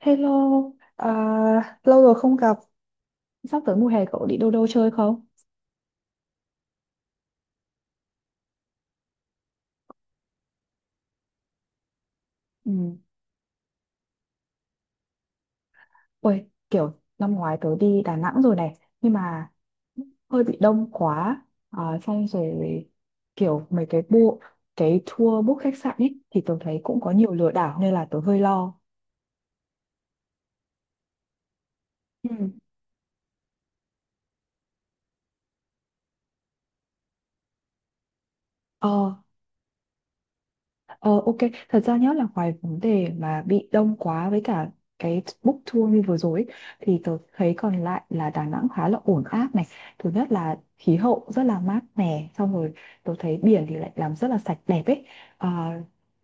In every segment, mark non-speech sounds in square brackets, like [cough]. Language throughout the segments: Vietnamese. Hello, lâu rồi không gặp. Sắp tới mùa hè cậu đi đâu đâu chơi không? Ừ. Ôi, kiểu năm ngoái tớ đi Đà Nẵng rồi này, nhưng mà hơi bị đông quá, xong rồi kiểu mấy cái bộ, cái tour book khách sạn ấy thì tớ thấy cũng có nhiều lừa đảo nên là tớ hơi lo. Ừ. Ờ, Ờ, ok, thật ra nhớ là ngoài vấn đề mà bị đông quá với cả cái book tour như vừa rồi ấy, thì tớ thấy còn lại là Đà Nẵng khá là ổn áp này. Thứ nhất là khí hậu rất là mát mẻ, xong rồi tớ thấy biển thì lại làm rất là sạch đẹp ấy. Ờ,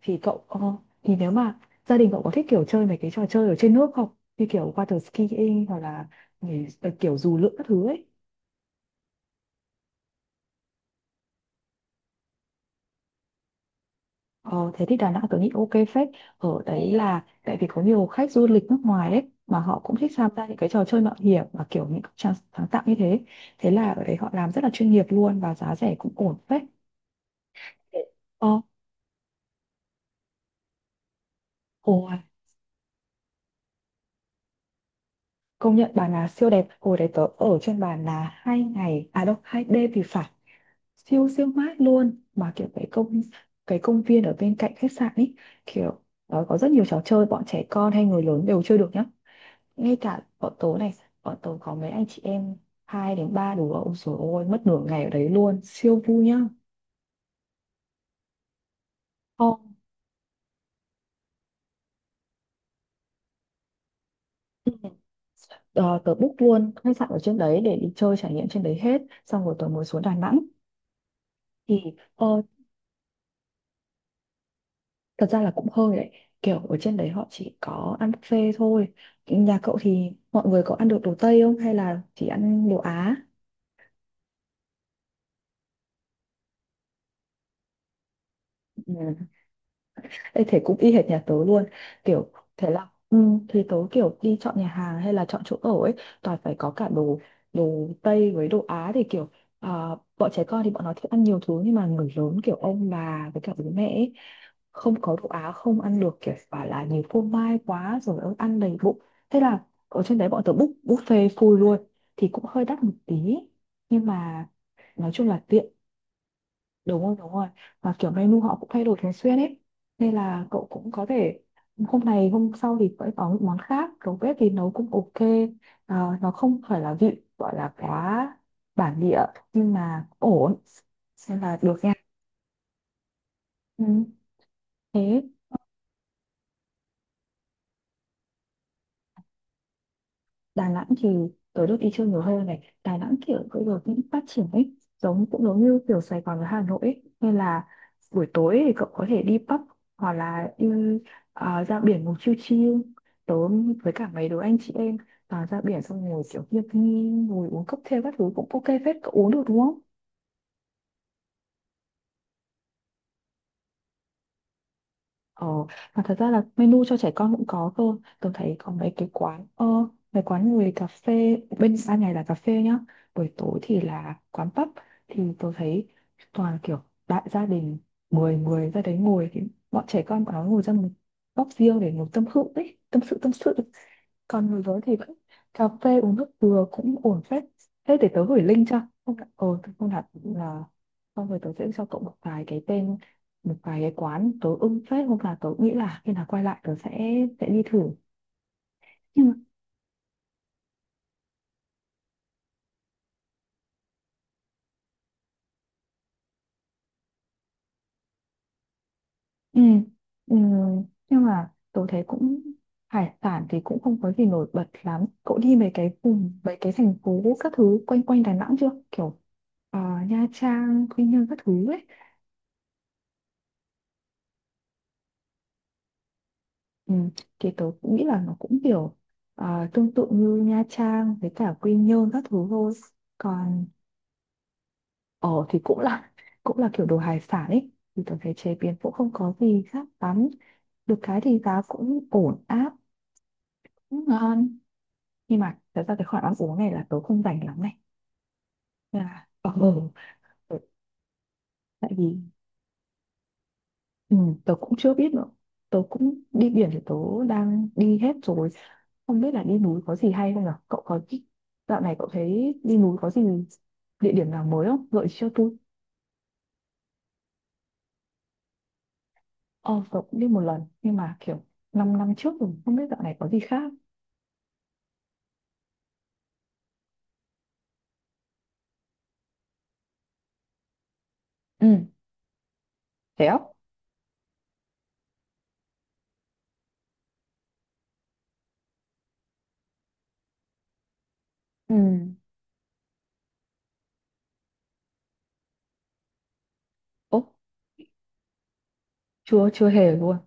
thì thì nếu mà gia đình cậu có thích kiểu chơi mấy cái trò chơi ở trên nước không? Như kiểu water skiing hoặc là nhảy- kiểu dù lượn các thứ ấy. Ờ, thế thì Đà Nẵng tôi nghĩ ok phết ở đấy, là tại vì có nhiều khách du lịch nước ngoài đấy mà họ cũng thích tham gia những cái trò chơi mạo hiểm và kiểu những cái sáng sáng tạo như thế, thế là ở đấy họ làm rất là chuyên nghiệp luôn và giá rẻ cũng ổn phết. Ờ ồ công nhận Bà Nà siêu đẹp, hồi đấy tớ ở trên Bà Nà hai ngày, à đâu hai đêm thì phải, siêu siêu mát luôn, mà kiểu cái công viên ở bên cạnh khách sạn ấy, kiểu có rất nhiều trò chơi bọn trẻ con hay người lớn đều chơi được nhá. Ngay cả bọn tớ này, bọn tớ có mấy anh chị em hai đến ba đứa, ôi trời ơi, mất nửa ngày ở đấy luôn, siêu vui nhá. Ồ, ờ, tớ book luôn khách sạn ở trên đấy để đi chơi trải nghiệm trên đấy hết, xong rồi tớ mới xuống Đà Nẵng. thì ờ, thật ra là cũng hơi đấy, kiểu ở trên đấy họ chỉ có ăn buffet thôi. Nhà cậu thì mọi người có ăn được đồ Tây không hay là chỉ ăn đồ Á? Ừ. Ê, thế cũng y hệt nhà tớ luôn, kiểu thế là thì tớ kiểu đi chọn nhà hàng hay là chọn chỗ ở ấy toàn phải có cả đồ đồ Tây với đồ Á, thì à, bọn trẻ con thì bọn nó thích ăn nhiều thứ nhưng mà người lớn kiểu ông bà với cả bố mẹ ấy, không có đồ Á không ăn được, kiểu bảo là nhiều phô mai quá rồi ớ, ăn đầy bụng. Thế là ở trên đấy bọn tớ book buffet full luôn, thì cũng hơi đắt một tí nhưng mà nói chung là tiện. Đúng rồi đúng rồi, và kiểu menu họ cũng thay đổi thường xuyên ấy, nên là cậu cũng có thể hôm này hôm sau thì phải có những món khác, đầu bếp thì nấu cũng ok, nó không phải là vị gọi là quá bản địa nhưng mà ổn, nên là được nha. Ừ. Thế Đà Nẵng thì tớ được đi chơi nhiều hơn này, Đà Nẵng kiểu bây giờ cũng phát triển ấy, giống cũng giống như kiểu Sài Gòn với Hà Nội ấy, nên là buổi tối thì cậu có thể đi pub hoặc là ra biển ngồi chill chill. tớ với cả mấy đứa anh chị em, ra biển xong ngồi kiểu hiệp nghi, ngồi uống cocktail các thứ cũng ok phết. Cậu uống được đúng không? Ờ, mà thật ra là menu cho trẻ con cũng có cơ. Tôi thấy có mấy cái quán, mấy quán người cà phê, bên ban ngày là cà phê nhá. Buổi tối thì là quán pub. Thì tôi thấy toàn kiểu đại gia đình, 10 người ra đấy ngồi. Thì bọn trẻ con bọn nó ngồi ra một góc riêng để ngồi tâm sự ấy, tâm sự. Còn người lớn thì vẫn cà phê uống nước dừa cũng ổn phết. Thế để tớ gửi link cho, không đặt- ờ tớ không đặt là xong rồi tớ sẽ cho cậu một vài cái tên, một vài cái quán tớ ưng phết, hôm nào tớ nghĩ là khi nào quay lại tớ sẽ đi thử. Nhưng mà ừ, ừ, nhưng mà tớ thấy hải sản thì cũng không có gì nổi bật lắm. Cậu đi mấy cái vùng mấy cái thành phố các thứ quanh quanh Đà Nẵng chưa, ờ, Nha Trang Quy Nhơn các thứ ấy? Ừ, thì tớ cũng nghĩ là nó cũng tương tự như Nha Trang với cả Quy Nhơn các thứ thôi, còn thì cũng là kiểu đồ hải sản ấy, thì tớ thấy chế biến cũng không có gì khác lắm, được cái thì giá cũng ổn áp, cũng ngon. Nhưng mà thật ra cái khoản ăn uống này là tớ không rảnh lắm này. Nên là [laughs] ừ. tại vì Ừ, tớ cũng chưa biết nữa. Tớ cũng đi biển thì tớ đang đi hết rồi. Không biết là đi núi có gì hay không nhở? Cậu có Dạo này cậu thấy đi núi có gì, địa điểm nào mới không? Gợi ý cho tôi. Ờ, tớ cũng đi một lần nhưng mà kiểu 5 năm trước rồi, không biết dạo này có gì khác. Ừ, thế á? Ừ. Ố, chưa chưa hề luôn.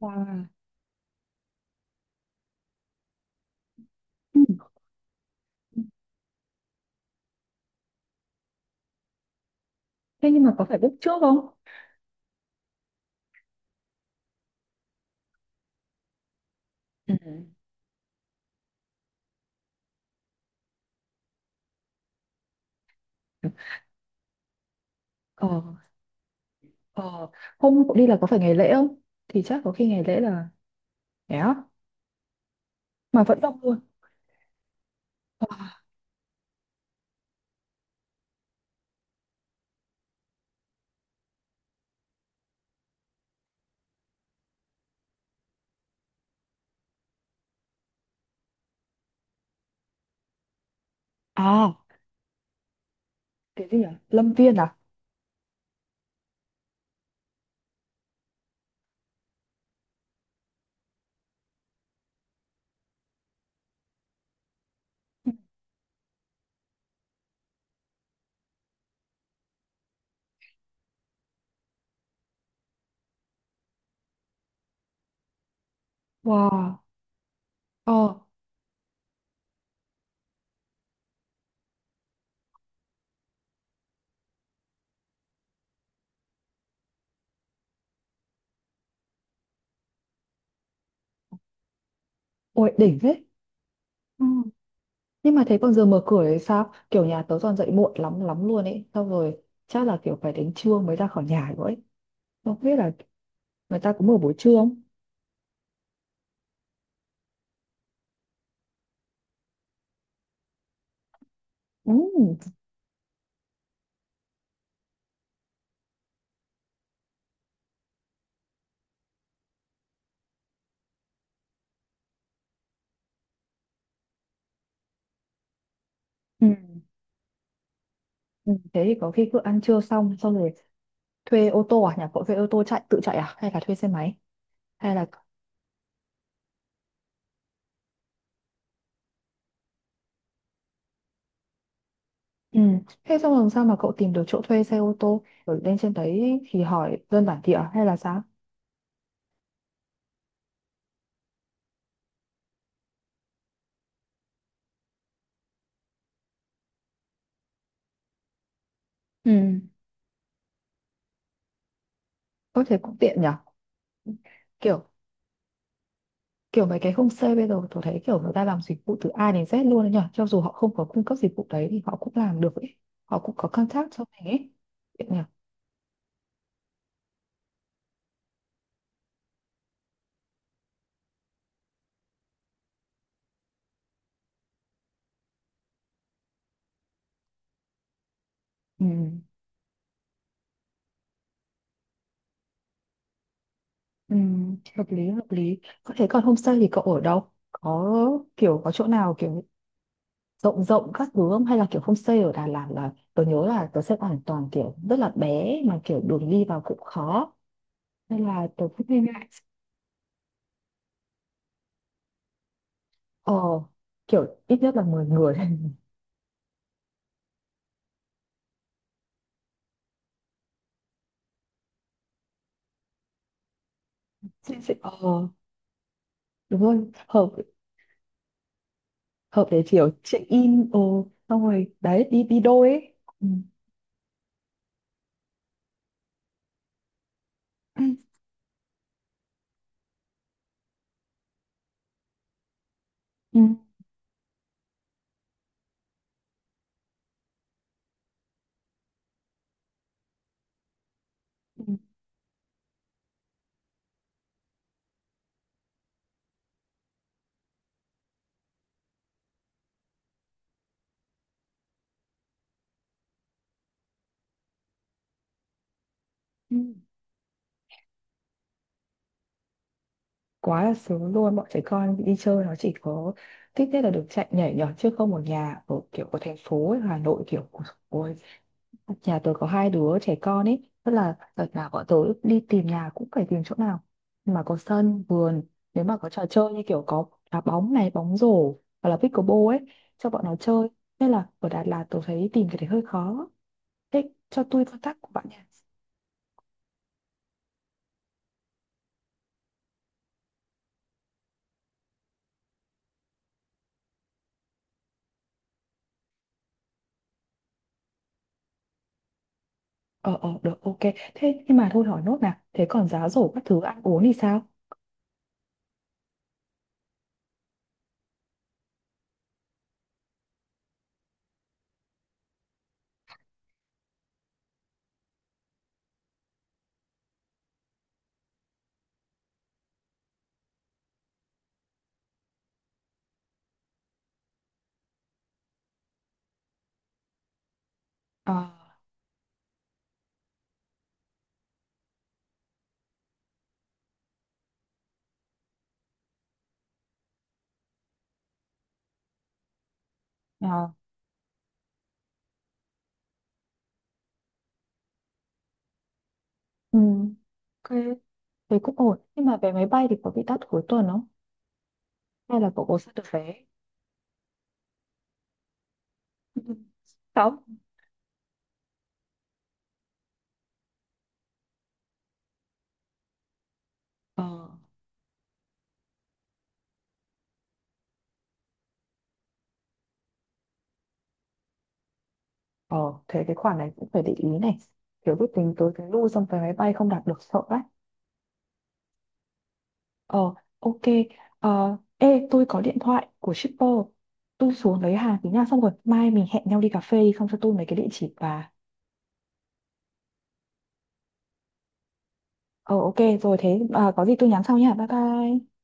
Wow. Ừ. Thế nhưng mà có phải book trước không? Ừ. Ờ, ờ, Hôm cậu đi là có phải ngày lễ không? Thì chắc có khi ngày lễ là, thế á, mà vẫn đông luôn. Ờ. À, cái gì, à Lâm Viên à? Ừ. Wow. Ờ. Ôi đỉnh thế. Ừ. Nhưng mà thế còn giờ mở cửa thì sao, kiểu nhà tớ toàn dậy muộn lắm lắm luôn ấy, xong rồi chắc là kiểu phải đến trưa mới ra khỏi nhà rồi ấy, không biết là người ta có mở buổi trưa không? Ừ. Ừ. Ừ, thế thì có khi cứ ăn trưa xong xong rồi thuê ô tô, à nhà cậu thuê ô tô chạy tự chạy à hay là thuê xe máy hay là? Ừ. Thế xong làm sao mà cậu tìm được chỗ thuê xe ô tô rồi lên trên đấy thì hỏi dân bản địa hay là sao? Ừ, có thể cũng tiện nhỉ. Kiểu kiểu mấy cái homestay bây giờ tôi thấy kiểu người ta làm dịch vụ từ A đến Z luôn đấy nhở, cho dù họ không có cung cấp dịch vụ đấy thì họ cũng làm được ấy, họ cũng có contact cho mình ấy. Vậy nhở. Ừ. Ừ. Hợp lý hợp lý. Có thể. Còn homestay thì cậu ở đâu, có có chỗ nào rộng rộng các thứ không, hay là kiểu homestay ở Đà Lạt, là tôi nhớ là tôi xem hoàn toàn kiểu rất là bé mà kiểu đường đi vào cũng khó, nên là tôi cũng hơi ngại. Ờ, kiểu ít nhất là mười người. [laughs] Chị- chị- ờ Đúng rồi, hợp, hợp để kiểu check in xong rồi đấy, đi đi đôi ấy. Ừ. Ừ. Ừ. Ừ. Ừ. Quá là sướng luôn, bọn trẻ con đi chơi nó chỉ có thích nhất là được chạy nhảy nhót, chứ không một nhà ở kiểu của thành phố ấy, Hà Nội kiểu của. Ôi, nhà tớ có hai đứa trẻ con ấy, tức là đợt nào bọn tớ đi tìm nhà cũng phải tìm chỗ nào mà có sân vườn, nếu mà có trò chơi như kiểu có đá bóng này, bóng rổ hoặc là pickleball ấy cho bọn nó chơi, nên là ở Đà Lạt tôi thấy tìm cái đấy hơi khó. Thế cho tôi contact của bạn nha. Ờ ờ được ok. Thế nhưng mà thôi hỏi nốt nào. Thế còn giá rổ các thứ ăn uống thì sao? Ờ à, ừ. Ok. Thế cũng ổn. Nhưng mà vé máy bay thì có bị đắt cuối tuần không? Hay là cậu có săn được vé? Ừ. Không. Ờ ờ, thế cái khoản này cũng phải để ý này. Kiểu biết tính tới cái lưu xong vé máy bay không đạt được sợ đấy. Ờ ok. Ờ ê, tôi có điện thoại của shipper. Tôi xuống lấy hàng tí nha, xong rồi mai mình hẹn nhau đi cà phê xong cho tôi mấy cái địa chỉ và. Ờ ok rồi thế, có gì tôi nhắn sau nha. Bye bye.